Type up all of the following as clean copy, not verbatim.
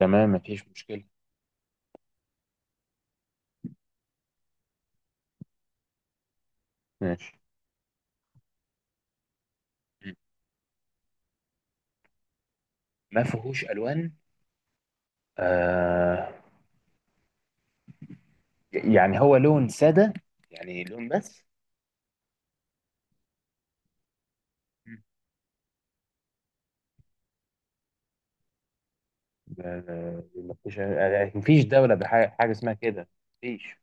تمام، مفيش مشكلة. ماشي. مم. ما فيهوش ألوان. آه، يعني هو لون سادة، يعني لون بس. مم. آه، مفيش، مفيش دولة بحاجة حاجة اسمها كده. مفيش.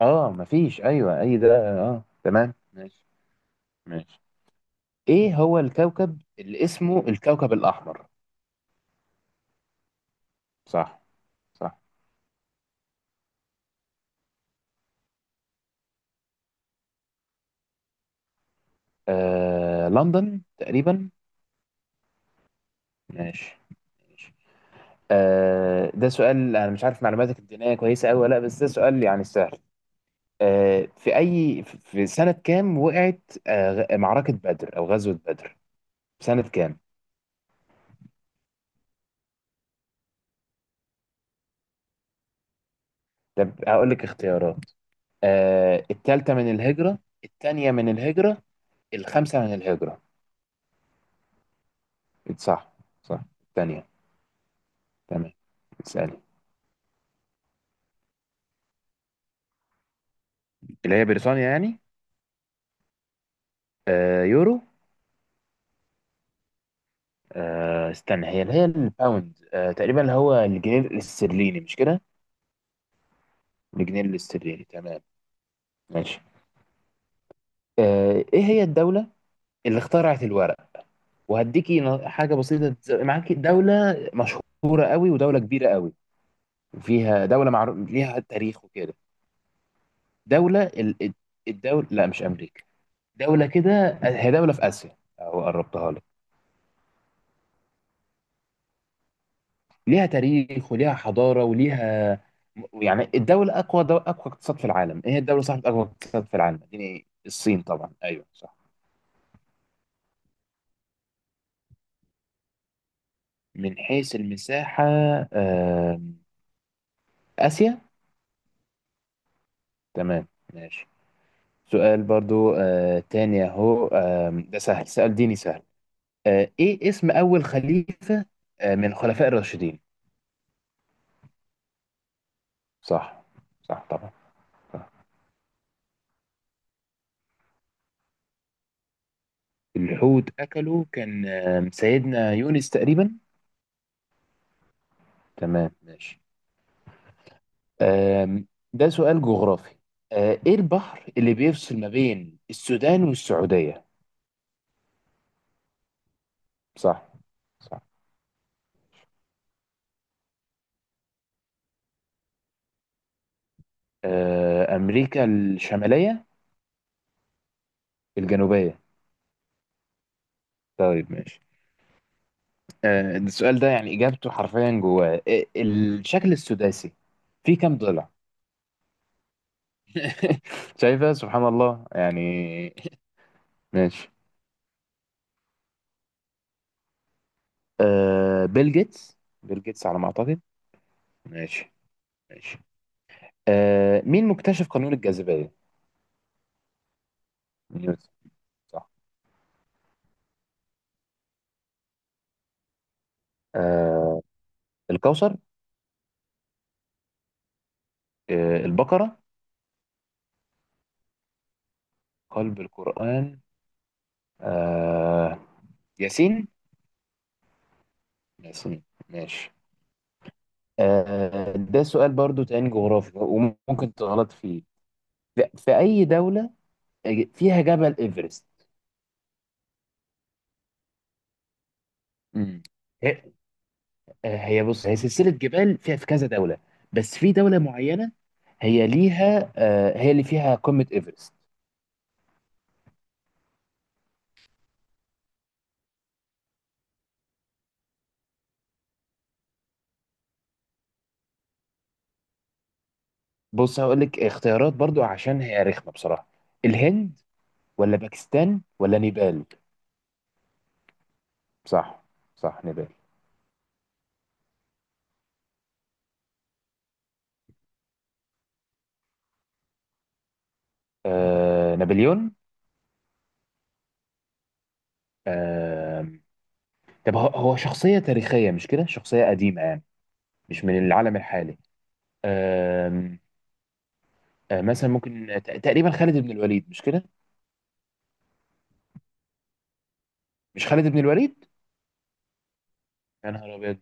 اه، مفيش، ايوه اي ده. اه، تمام، ماشي. ماشي. ايه هو الكوكب اللي اسمه الكوكب الأحمر؟ صح. صح. آه، لندن تقريبا. ماشي. ماشي. ده سؤال، انا مش عارف معلوماتك الدينية كويسة أوي ولا لا، بس ده سؤال يعني سهل. في سنة كام وقعت؟ معركة بدر أو غزوة بدر؟ في سنة كام؟ طب هقول لك اختيارات. آه، التالتة من الهجرة، التانية من الهجرة، الخامسة من الهجرة؟ صح. صح، التانية. تمام. اسألي. اللي هي بريطانيا يعني. آه، يورو. آه، استنى، هي اللي هي الباوند، تقريبا اللي هو الجنيه الاسترليني، مش كده؟ الجنيه الاسترليني، تمام. ماشي. ايه هي الدولة اللي اخترعت الورق؟ وهديكي حاجه بسيطه، معاكي دوله مشهوره قوي، ودوله كبيره قوي. وفيها دوله معروف ليها تاريخ وكده. دوله ال... الدوله، لا مش امريكا. دوله كده، هي دوله في اسيا، او قربتها لك. ليها تاريخ وليها حضاره وليها. يعني الدوله اقوى اقتصاد في العالم. ايه هي الدوله صاحبه اقوى اقتصاد في العالم؟ دي الصين طبعا، ايوه صح. من حيث المساحه. آه... اسيا. تمام. ماشي. سؤال برضو تاني اهو، ده سهل، سؤال ديني سهل. ايه اسم اول خليفة من الخلفاء الراشدين؟ صح. صح طبعا. صح. الحوت اكله كان سيدنا يونس تقريبا. تمام. ماشي. آم، ده سؤال جغرافي. ايه البحر اللي بيفصل ما بين السودان والسعودية؟ صح. صح. آه، امريكا الشمالية. الجنوبية. طيب، ماشي. السؤال ده يعني إجابته حرفيا جواه الشكل السداسي، فيه كام ضلع؟ شايفة؟ سبحان الله يعني. ماشي. آه، بيل جيتس. بيل جيتس على ما أعتقد. ماشي. ماشي. مين مكتشف قانون الجاذبية؟ نيوتن. صح. آه، الكوثر. آه، البقرة. قلب القرآن؟ آه، ياسين. ياسين. ماشي. ده سؤال برضو تاني جغرافي، وممكن تغلط فيه. في أي دولة فيها جبل ايفرست؟ امم هي هي بص، هي سلسلة جبال، فيها في كذا دولة. بس في دولة معينة. هي ليها آه، هي اللي فيها قمة ايفرست. بص، هقول لك اختيارات برضو، عشان هي رخمة بصراحة. الهند، ولا باكستان، ولا نيبال؟ صح. صح، نيبال. آه، نابليون. آه طب هو شخصية تاريخية مش كده، شخصية قديمة يعني. مش من العالم الحالي. آه، مثلا ممكن تقريبا خالد بن الوليد، مش كده؟ مش خالد بن الوليد. يا نهار ابيض!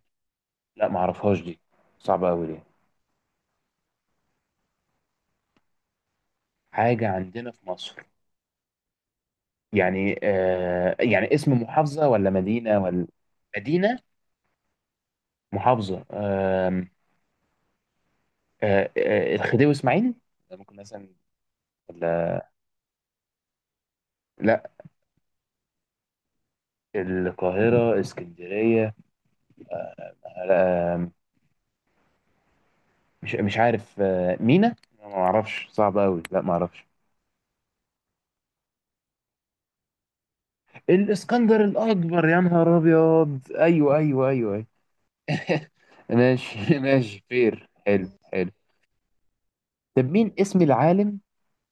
لا، ما اعرفهاش دي. صعبه قوي دي. حاجه عندنا في مصر؟ يعني اسم محافظه ولا مدينه ولا؟ مدينه؟ محافظه. الخديوي اسماعيل؟ ده ممكن مثلا. ولا؟ لا. القاهره، اسكندريه؟ لا. مش عارف، مينا، ما اعرفش، صعب قوي، لا ما اعرفش. الاسكندر الاكبر! يا نهار ابيض! ايوه، ايوه، ايوه, أيوة. ماشي. ماشي فير، حلو حلو. طب مين اسم العالم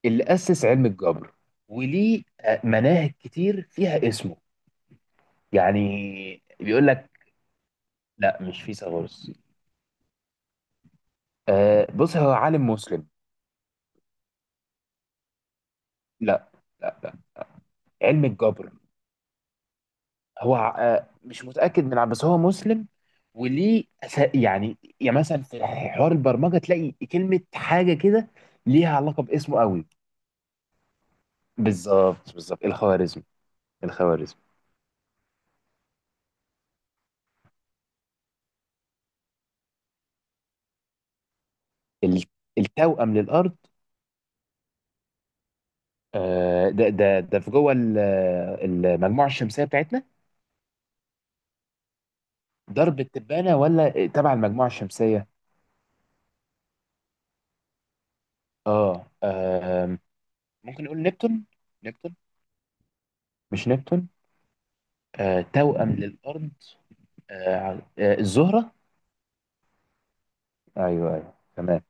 اللي أسس علم الجبر، وليه مناهج كتير فيها اسمه؟ يعني؟ بيقول لك. لا، مش فيثاغورس. بص، هو عالم مسلم. لا. لا. لا. علم الجبر. هو مش متأكد من بس هو مسلم. وليه يعني مثلا في حوار البرمجة تلاقي كلمة حاجة كده. ليها علاقة باسمه قوي. بالظبط، بالظبط، الخوارزمي. الخوارزمي. ال- التوأم للأرض؟ ده في جوه المجموعة الشمسية بتاعتنا. درب التبانة ولا تبع المجموعة الشمسية؟ آه، ممكن نقول نبتون. نبتون. مش نبتون. توأم للأرض. آه، آه، الزهرة. أيوه، أيوه، تمام.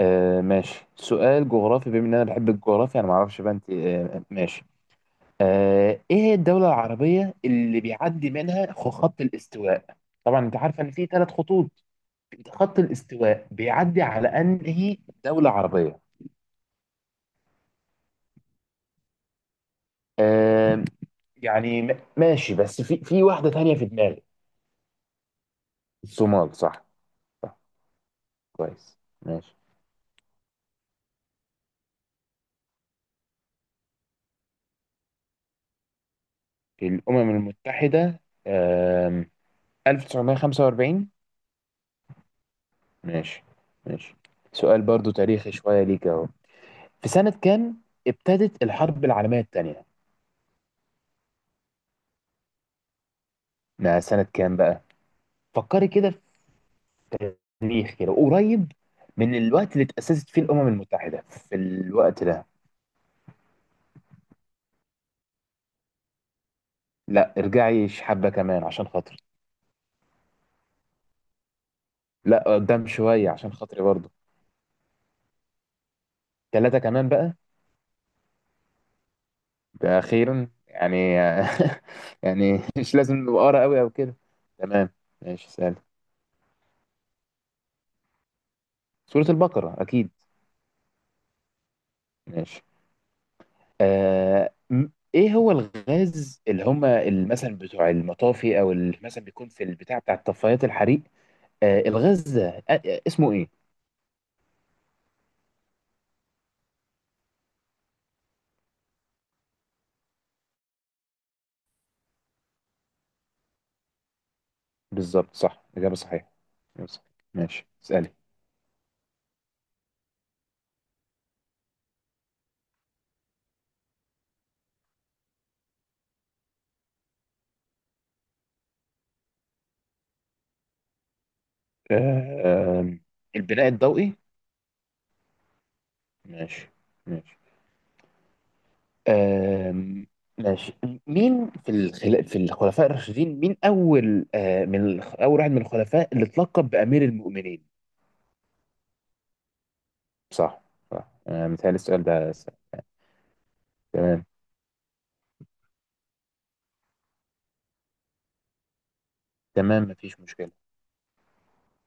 ماشي، سؤال جغرافي، بما إن أنا بحب الجغرافيا، أنا معرفش بقى أنت، ماشي. إيه هي الدولة العربية اللي بيعدي منها خط الاستواء؟ طبعا أنت عارفة إن في 3 خطوط. خط الاستواء بيعدي على أنهي دولة عربية؟ آه. يعني ماشي، بس في واحدة تانية في دماغي. الصومال. صح. صح. كويس، ماشي. الأمم المتحدة، آم، 1945. ماشي. ماشي. سؤال برضو تاريخي شوية، ليك أهو. في سنة كام ابتدت الحرب العالمية التانية؟ ما سنة كام بقى؟ فكري كده في تاريخ كده قريب من الوقت اللي تأسست فيه الأمم المتحدة، في الوقت ده. لا، ارجعي حبة كمان عشان خاطري. لا، قدام شوية عشان خاطري برضو. ثلاثة كمان بقى. ده أخيرا يعني. يعني مش لازم نبقى قرا قوي أو كده. تمام. ماشي، سهل. سورة البقرة أكيد. ماشي. آه م- إيه هو الغاز اللي هما مثلا بتوع المطافي، أو اللي مثلا بيكون في البتاع بتاع طفايات الحريق، الغاز ده اسمه إيه؟ بالظبط. صح، إجابة صحيحة. إجابة صحيحة. ماشي، اسألي. آه، آه، البناء الضوئي. ماشي. ماشي. آم، ماشي. مين في في الخلفاء الراشدين، مين اول واحد من الخلفاء اللي اتلقب بامير المؤمنين؟ صح. صح. متهيألي السؤال ده. تمام. تمام، مفيش مشكلة.